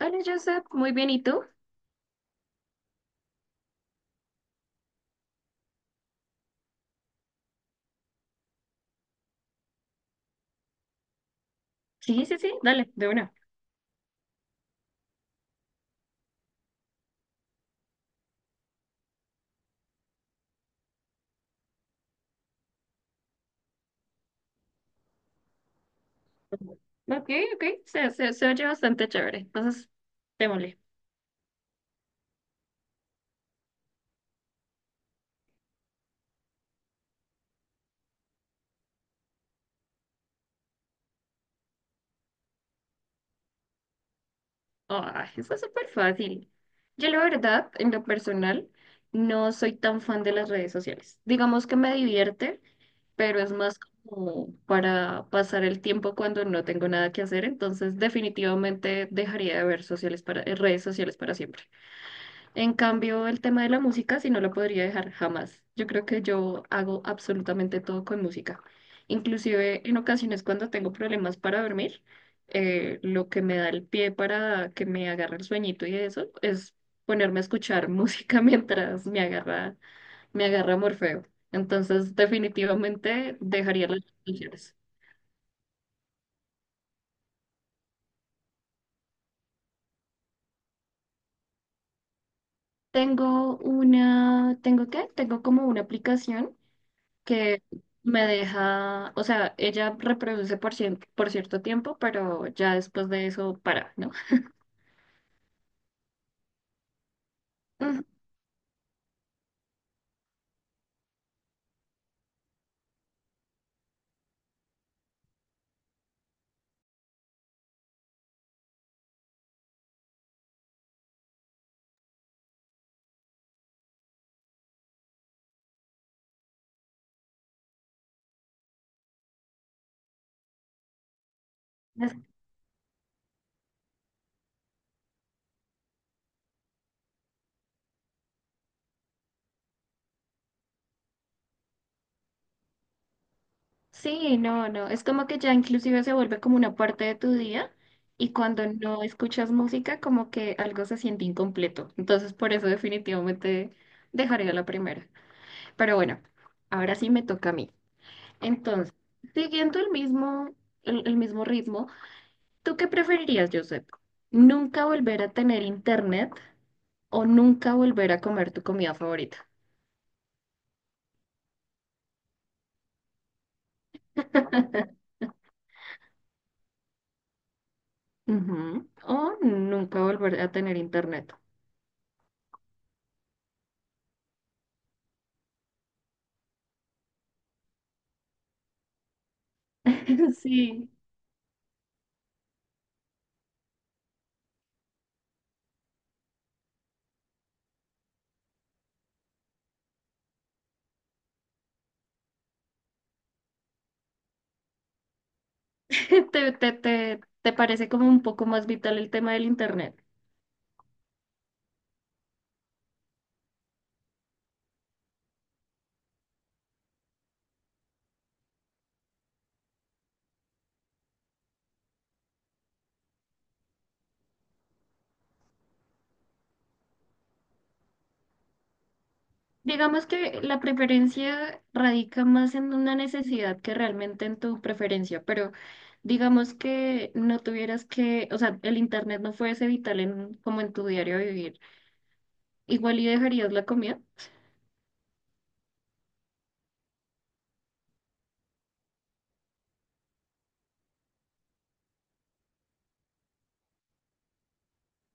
Hola, Joseph. Muy bien, ¿y tú? Sí, dale, de una. Ok, ok, se oye bastante chévere. Entonces, démosle. Ay, eso es súper fácil. Yo, la verdad, en lo personal, no soy tan fan de las redes sociales. Digamos que me divierte, pero es más como para pasar el tiempo cuando no tengo nada que hacer. Entonces, definitivamente dejaría de ver sociales para, redes sociales para siempre. En cambio, el tema de la música sí no lo podría dejar jamás. Yo creo que yo hago absolutamente todo con música. Inclusive en ocasiones cuando tengo problemas para dormir, lo que me da el pie para que me agarre el sueñito y eso es ponerme a escuchar música mientras me agarra Morfeo. Entonces, definitivamente dejaría las canciones. Tengo una, ¿tengo qué? Tengo como una aplicación que me deja, o sea, ella reproduce por, por cierto tiempo, pero ya después de eso para, ¿no? Ujú. Es- Sí, no, es como que ya inclusive se vuelve como una parte de tu día y cuando no escuchas música como que algo se siente incompleto. Entonces por eso definitivamente dejaría la primera. Pero bueno, ahora sí me toca a mí. Entonces, siguiendo el mismo, el mismo ritmo, ¿tú qué preferirías, Josep? ¿Nunca volver a tener internet? O nunca volver a comer tu comida favorita. Ujú. O nunca volver a tener internet. Sí. ¿Te parece como un poco más vital el tema del internet? Digamos que la preferencia radica más en una necesidad que realmente en tu preferencia, pero digamos que no tuvieras que, o sea, el internet no fuese vital en, como en tu diario vivir. Igual y dejarías la comida.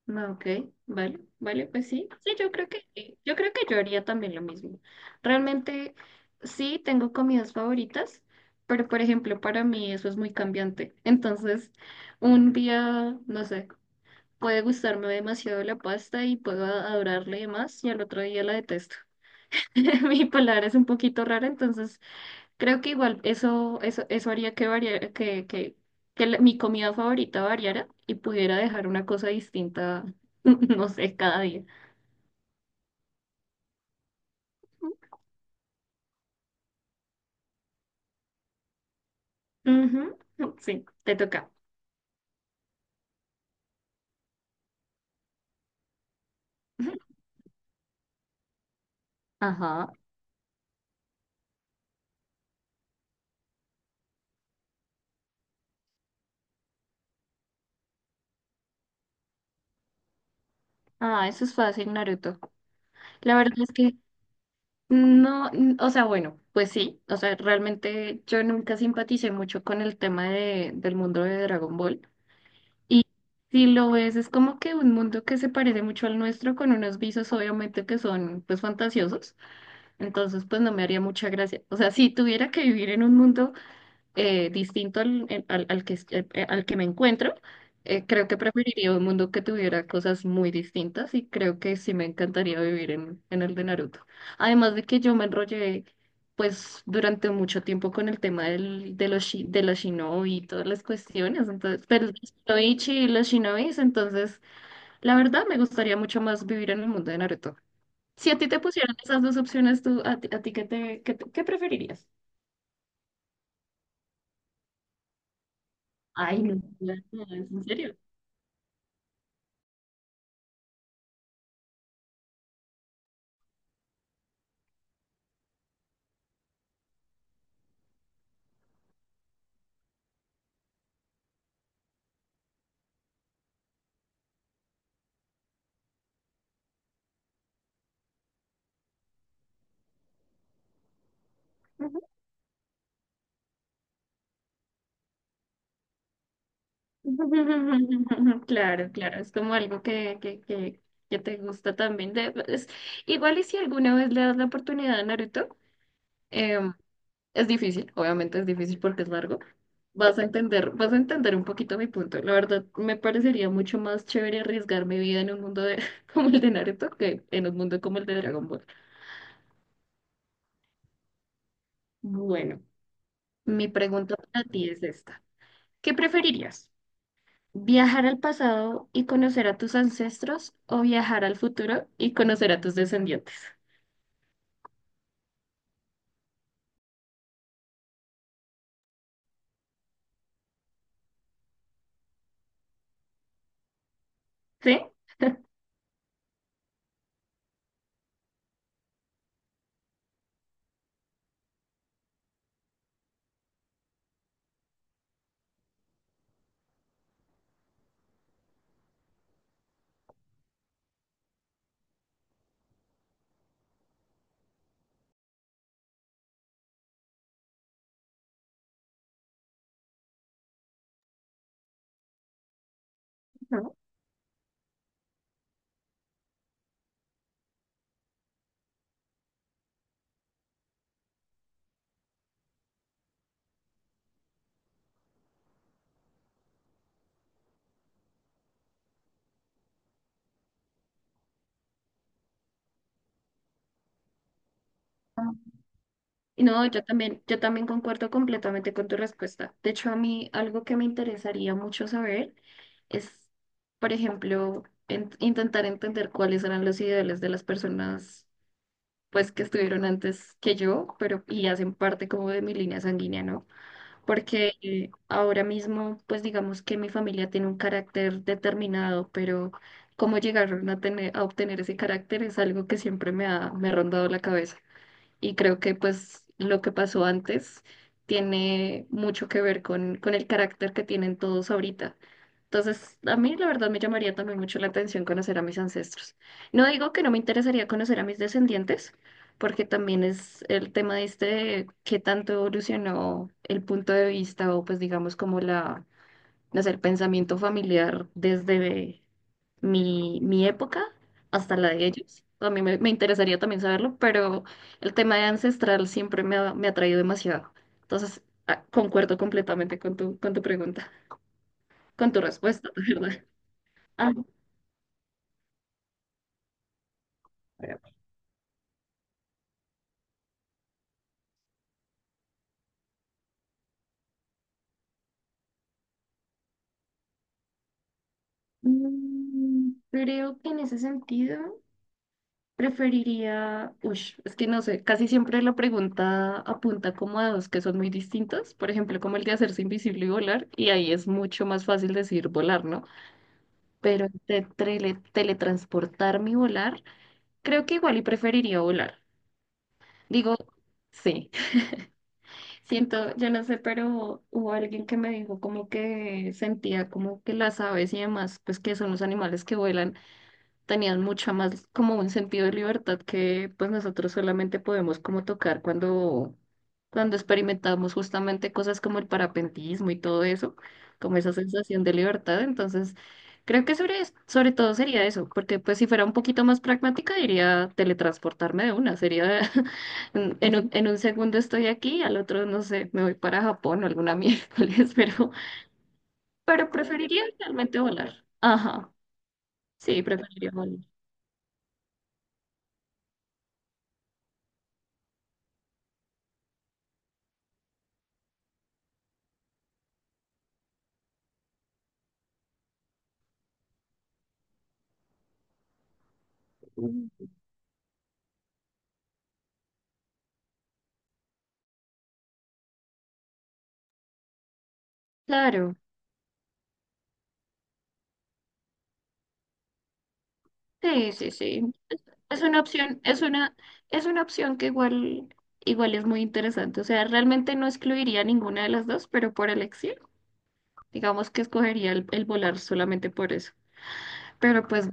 No, ok, vale, vale, pues sí, sí, yo creo que, yo creo que yo haría también lo mismo. Realmente sí tengo comidas favoritas, pero por ejemplo para mí eso es muy cambiante. Entonces, un día, no sé, puede gustarme demasiado la pasta y puedo adorarle más y al otro día la detesto. Mi palabra es un poquito rara, entonces creo que igual eso haría que, variara, que mi comida favorita variara y pudiera dejar una cosa distinta, no sé, cada día. Ujú, sí, te toca. Ajá. Ah, eso es fácil, Naruto. La verdad es que no, o sea, bueno, pues sí, o sea, realmente yo nunca simpaticé mucho con el tema de, del mundo de Dragon Ball. Y si lo ves, es como que un mundo que se parece mucho al nuestro, con unos visos obviamente que son pues fantasiosos. Entonces, pues no me haría mucha gracia. O sea, si tuviera que vivir en un mundo distinto al que, al que me encuentro, creo que preferiría un mundo que tuviera cosas muy distintas y creo que sí me encantaría vivir en el de Naruto. Además de que yo me enrollé, pues, durante mucho tiempo con el tema del, de los, de los shinobi y todas las cuestiones, entonces, pero los shinoichi y los shinobis, entonces, la verdad me gustaría mucho más vivir en el mundo de Naruto. Si a ti te pusieran esas dos opciones, tú, a ti ¿qué te qué preferirías? Ay, no, es en serio. Claro, es como algo que te gusta también. Igual y si alguna vez le das la oportunidad a Naruto, em, es difícil, obviamente es difícil porque es largo. Vas a entender un poquito mi punto. La verdad, me parecería mucho más chévere arriesgar mi vida en un mundo de, como el de Naruto que en un mundo como el de Dragon Ball. Bueno. Mi pregunta para ti es esta. ¿Qué preferirías? ¿Viajar al pasado y conocer a tus ancestros o viajar al futuro y conocer a tus descendientes? ¿Sí? No, no, yo también concuerdo completamente con tu respuesta. De hecho, a mí algo que me interesaría mucho saber es, por ejemplo, intentar entender cuáles eran los ideales de las personas, pues, que estuvieron antes que yo, pero y hacen parte como de mi línea sanguínea, ¿no? Porque ahora mismo, pues digamos que mi familia tiene un carácter determinado, pero cómo llegaron a tener, a obtener ese carácter es algo que siempre me ha rondado la cabeza. Y creo que pues lo que pasó antes tiene mucho que ver con el carácter que tienen todos ahorita. Entonces, a mí la verdad me llamaría también mucho la atención conocer a mis ancestros. No digo que no me interesaría conocer a mis descendientes, porque también es el tema de este, de qué tanto evolucionó el punto de vista o pues digamos como la, no sé, el pensamiento familiar desde mi época hasta la de ellos. A mí me interesaría también saberlo, pero el tema de ancestral siempre me ha traído demasiado. Entonces, concuerdo completamente con tu pregunta, con tu respuesta, de ¿verdad? Pero, creo que en ese sentido preferiría, ush, es que no sé, casi siempre la pregunta apunta como a dos que son muy distintos, por ejemplo, como el de hacerse invisible y volar, y ahí es mucho más fácil decir volar, ¿no? Pero de teletransportarme y volar, creo que igual y preferiría volar. Digo, sí. Siento, yo no sé, pero hubo alguien que me dijo como que sentía como que las aves y demás, pues que son los animales que vuelan tenían mucho más como un sentido de libertad que pues nosotros solamente podemos como tocar cuando experimentamos justamente cosas como el parapentismo y todo eso, como esa sensación de libertad. Entonces, creo que sobre todo sería eso, porque pues si fuera un poquito más pragmática diría teletransportarme de una, sería en un segundo estoy aquí, al otro no sé, me voy para Japón o alguna miércoles, pero preferiría realmente volar. Ajá, sí, preferiría volar. Claro, sí, sí, sí. Es una opción, es una opción que igual, igual es muy interesante. O sea, realmente no excluiría ninguna de las dos, pero por elección, digamos que escogería el volar solamente por eso. Pero pues,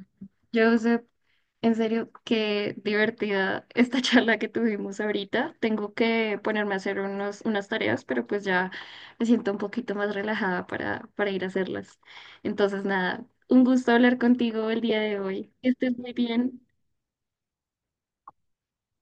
Joseph, en serio, qué divertida esta charla que tuvimos ahorita. Tengo que ponerme a hacer unos, unas tareas, pero pues ya me siento un poquito más relajada para ir a hacerlas. Entonces, nada, un gusto hablar contigo el día de hoy. Que estés muy bien.